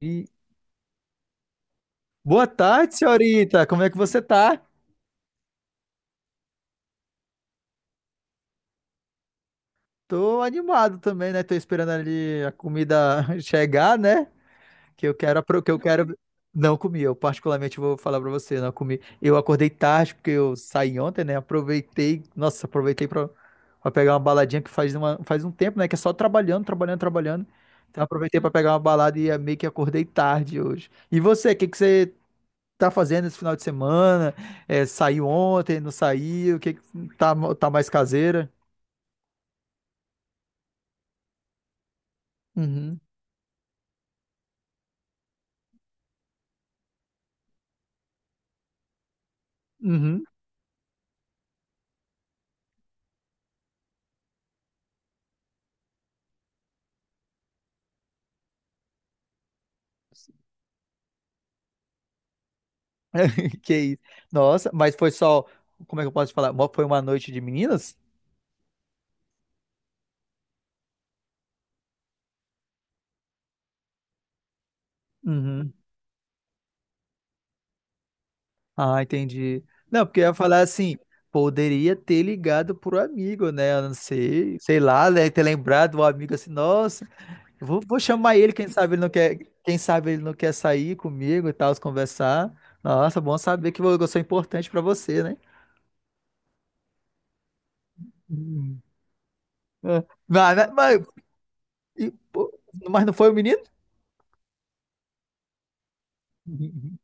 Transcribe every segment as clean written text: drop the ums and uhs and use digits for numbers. E- Boa tarde, senhorita. Como é que você tá? Tô animado também, né? Tô esperando ali a comida chegar, né? Que eu quero. Não comi, eu particularmente vou falar pra você, não comi. Eu acordei tarde porque eu saí ontem, né? Aproveitei, nossa, pra pegar uma baladinha que faz um tempo, né? Que é só trabalhando, trabalhando, trabalhando. Então aproveitei pra pegar uma balada e é meio que acordei tarde hoje. E você, o que que você tá fazendo esse final de semana? É, saiu ontem, não saiu? O que que tá mais caseira? Uhum, uhum. Que isso. Nossa, mas foi só, como é que eu posso falar? Foi uma noite de meninas? Uhum. Ah, entendi. Não, porque eu ia falar assim, poderia ter ligado pro amigo, né? Eu não sei, sei lá, né? Ter lembrado o amigo assim, nossa, eu vou chamar ele, quem sabe ele não quer, quem sabe ele não quer sair comigo e tal, se conversar. Nossa, bom saber que eu sou importante pra você, né? Hum. É. Mas e, pô, mas não foi o menino? Uhum.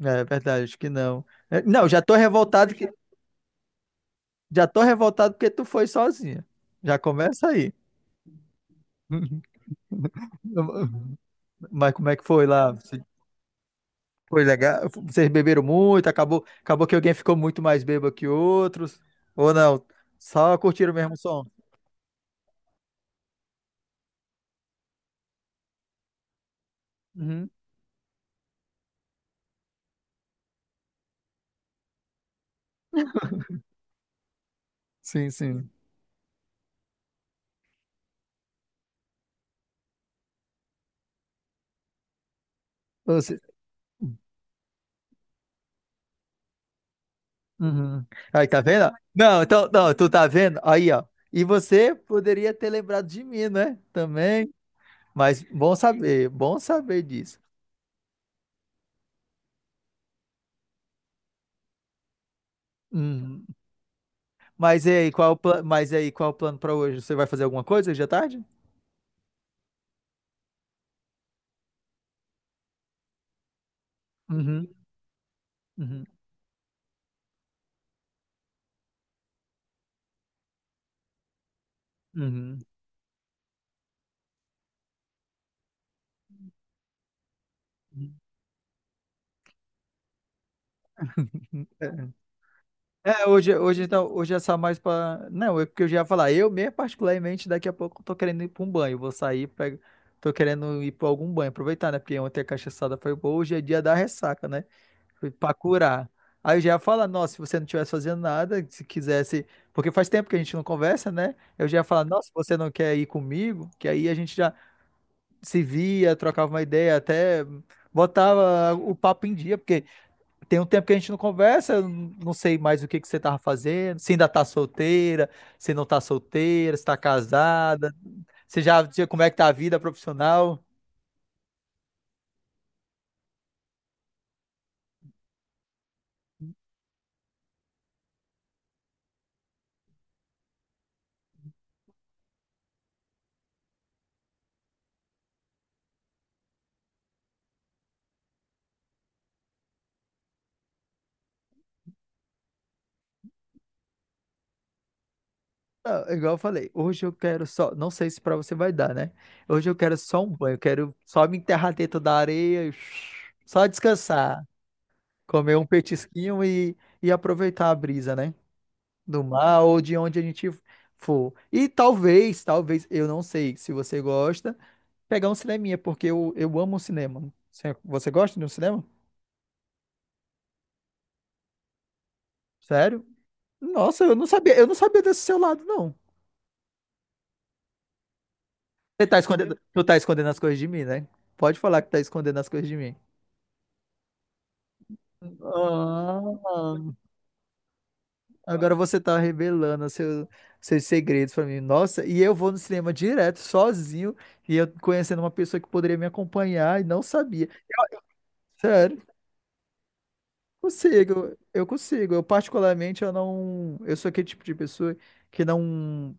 É verdade, acho que não. É, não, já tô revoltado porque tu foi sozinha. Já começa aí. Uhum. Mas como é que foi lá? Foi legal? Vocês beberam muito? Acabou que alguém ficou muito mais bêbado que outros? Ou não? Só curtiram o mesmo som? Uhum. Sim, sim. Uhum. Aí, tá vendo? Não, então, não, tu tá vendo? Aí, ó. E você poderia ter lembrado de mim, né? Também. Mas bom saber disso. Uhum. Mas e aí, qual é o plano? Mas e aí, qual é o plano para hoje? Você vai fazer alguma coisa hoje à tarde? Uhum, uhum, uhum. É, é, hoje então, hoje é só mais pra. Não, é porque eu já ia falar. Eu mesmo, particularmente, daqui a pouco eu tô querendo ir pra um banho. Vou sair, tô querendo ir pra algum banho, aproveitar, né? Porque ontem a cachaçada foi boa, hoje é dia da ressaca, né? Foi pra curar. Aí eu já ia falar, nossa, se você não estivesse fazendo nada, se quisesse, porque faz tempo que a gente não conversa, né? Eu já ia falar, nossa, você não quer ir comigo? Que aí a gente já se via, trocava uma ideia, até botava o papo em dia, porque tem um tempo que a gente não conversa, eu não sei mais o que que você tava fazendo, se ainda tá solteira, se não tá solteira, se tá casada, se já, como é que tá a vida profissional? Não, é igual eu falei, hoje eu quero só, não sei se pra você vai dar, né? Hoje eu quero só um banho, eu quero só me enterrar dentro da areia, e só descansar, comer um petisquinho e aproveitar a brisa, né? Do mar ou de onde a gente for. E talvez, eu, não sei se você gosta, pegar um cineminha, porque eu amo cinema. Você gosta de um cinema? Sério? Nossa, eu não sabia desse seu lado, não. Você tá escondendo, tu tá escondendo as coisas de mim, né? Pode falar que tá escondendo as coisas de mim. Ah, agora você tá revelando seus segredos pra mim. Nossa, e eu vou no cinema direto, sozinho, e eu conhecendo uma pessoa que poderia me acompanhar e não sabia. Sério. Consigo. Eu particularmente eu não, eu sou aquele tipo de pessoa que não,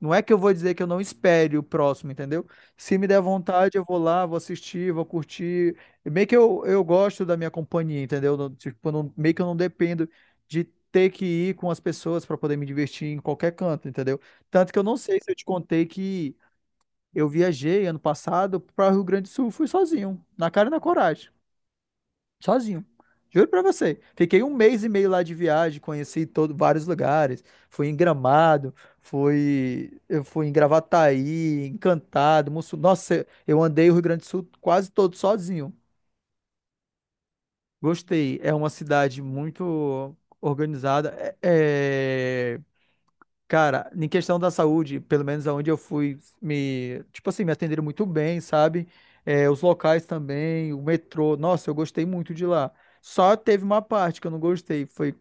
não é que eu vou dizer que eu não espere o próximo, entendeu? Se me der vontade, eu vou lá, vou assistir, vou curtir. Meio que eu gosto da minha companhia, entendeu? Tipo, eu não, meio que eu não dependo de ter que ir com as pessoas para poder me divertir em qualquer canto, entendeu? Tanto que eu não sei se eu te contei que eu viajei ano passado para o Rio Grande do Sul, fui sozinho, na cara e na coragem. Sozinho. Juro pra você. Fiquei um mês e meio lá de viagem, conheci todo, vários lugares. Fui em Gramado, eu fui em Gravataí, Encantado, Mussum. Nossa, eu andei o Rio Grande do Sul quase todo sozinho. Gostei. É uma cidade muito organizada. É, cara, em questão da saúde, pelo menos aonde eu fui, me, tipo assim, me atenderam muito bem, sabe? É, os locais também, o metrô, nossa, eu gostei muito de lá. Só teve uma parte que eu não gostei, foi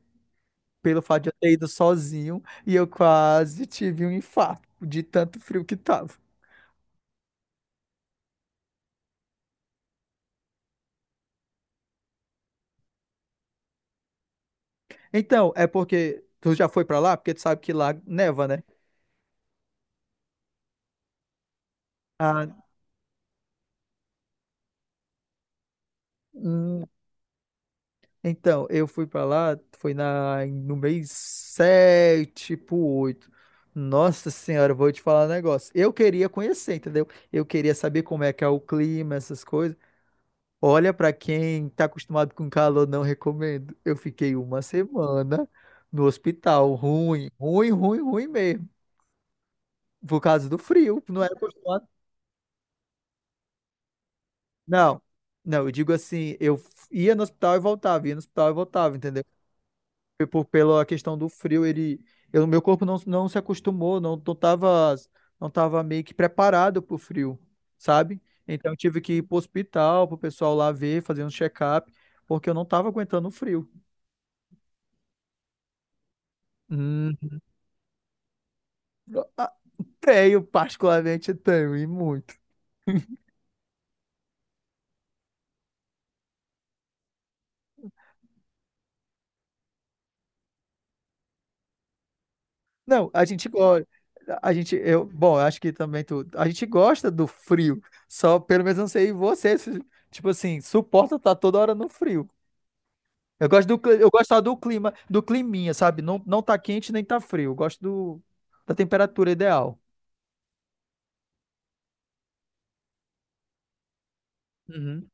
pelo fato de eu ter ido sozinho e eu quase tive um infarto de tanto frio que tava. Então, é porque tu já foi pra lá, porque tu sabe que lá neva, né? Ah, hum. Então, eu fui pra lá, foi no mês 7 pro 8. Nossa senhora, eu vou te falar um negócio. Eu queria conhecer, entendeu? Eu queria saber como é que é o clima, essas coisas. Olha, pra quem tá acostumado com calor, não recomendo. Eu fiquei uma semana no hospital, ruim, ruim, ruim, ruim mesmo, por causa do frio, não era acostumado. Não, não, eu digo assim, eu ia no hospital e voltava, ia no hospital e voltava, entendeu? Pela questão do frio, ele, eu, meu corpo não, não se acostumou, não, não tava meio que preparado pro frio, sabe? Então eu tive que ir pro hospital, pro pessoal lá ver, fazer um check-up, porque eu não tava aguentando o frio. Hum, ah, tenho, particularmente tenho, e muito. Não, a gente gosta, a gente, eu, bom, eu acho que também tu, a gente gosta do frio, só pelo menos eu não sei você, se, tipo assim, suporta estar toda hora no frio. Eu gosto só do clima, do climinha, sabe? Não, não tá quente nem tá frio. Eu gosto da temperatura ideal. Uhum.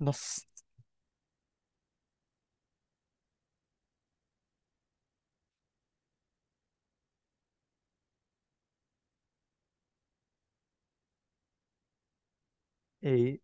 Nossa. E-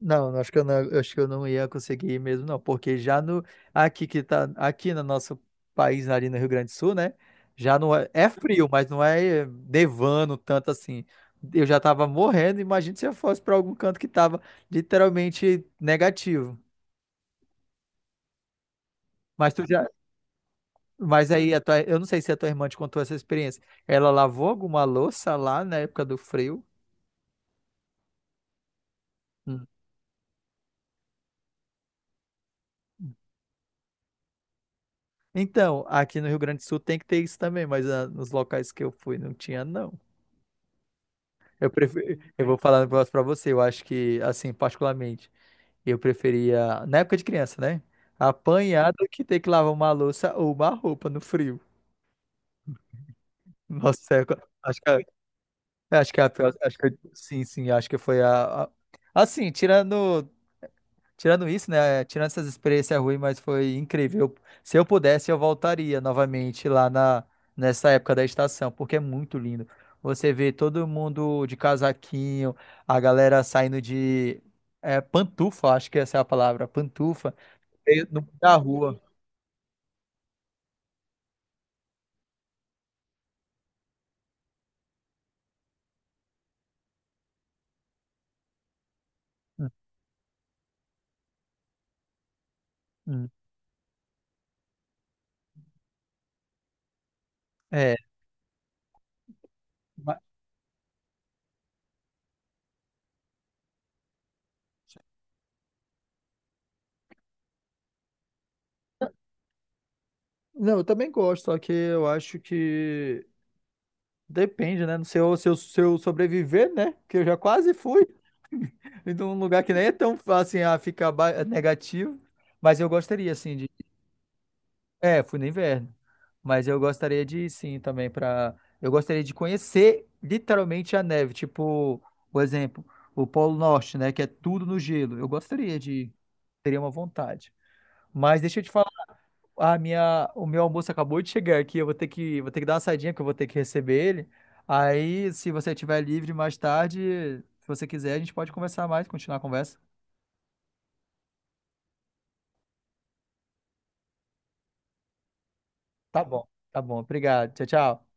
não, acho que eu não, ia conseguir ir mesmo, não, porque já no aqui que tá aqui no nosso país ali no Rio Grande do Sul, né? Já não é frio, mas não é nevando tanto assim. Eu já tava morrendo, imagina se eu fosse pra algum canto que tava literalmente negativo. Mas tu já. Eu não sei se a tua irmã te contou essa experiência. Ela lavou alguma louça lá na época do frio? Hum. Então, aqui no Rio Grande do Sul tem que ter isso também, mas nos locais que eu fui não tinha, não. Eu prefiro, eu vou falar um negócio pra você, eu acho que, assim, particularmente, eu preferia, na época de criança, né? Apanhar do que ter que lavar uma louça ou uma roupa no frio. Nossa, eu acho que, acho que é a pior, acho que, sim, sim, acho que foi assim, Tirando isso, né? Tirando essas experiências ruins, mas foi incrível. Se eu pudesse, eu voltaria novamente lá nessa época da estação, porque é muito lindo. Você vê todo mundo de casaquinho, a galera saindo de é, pantufa, acho que essa é a palavra, pantufa, meio no meio da rua. Hum, hum. É. ma- Não, eu também gosto, só que eu acho que depende, né? No seu sobreviver, né? Que eu já quase fui. E de um lugar que nem é tão fácil assim, a ficar é negativo, mas eu gostaria, assim, de. É, fui no inverno. Mas eu gostaria de ir, sim, também para. Eu gostaria de conhecer literalmente a neve. Tipo, por exemplo, o Polo Norte, né? Que é tudo no gelo. Eu gostaria de ir. Teria uma vontade. Mas deixa eu te falar, a minha, o meu almoço acabou de chegar aqui. Eu vou ter que dar uma saidinha, que eu vou ter que receber ele. Aí, se você estiver livre mais tarde, se você quiser, a gente pode conversar mais, continuar a conversa. Tá bom, tá bom. Obrigado. Tchau, tchau.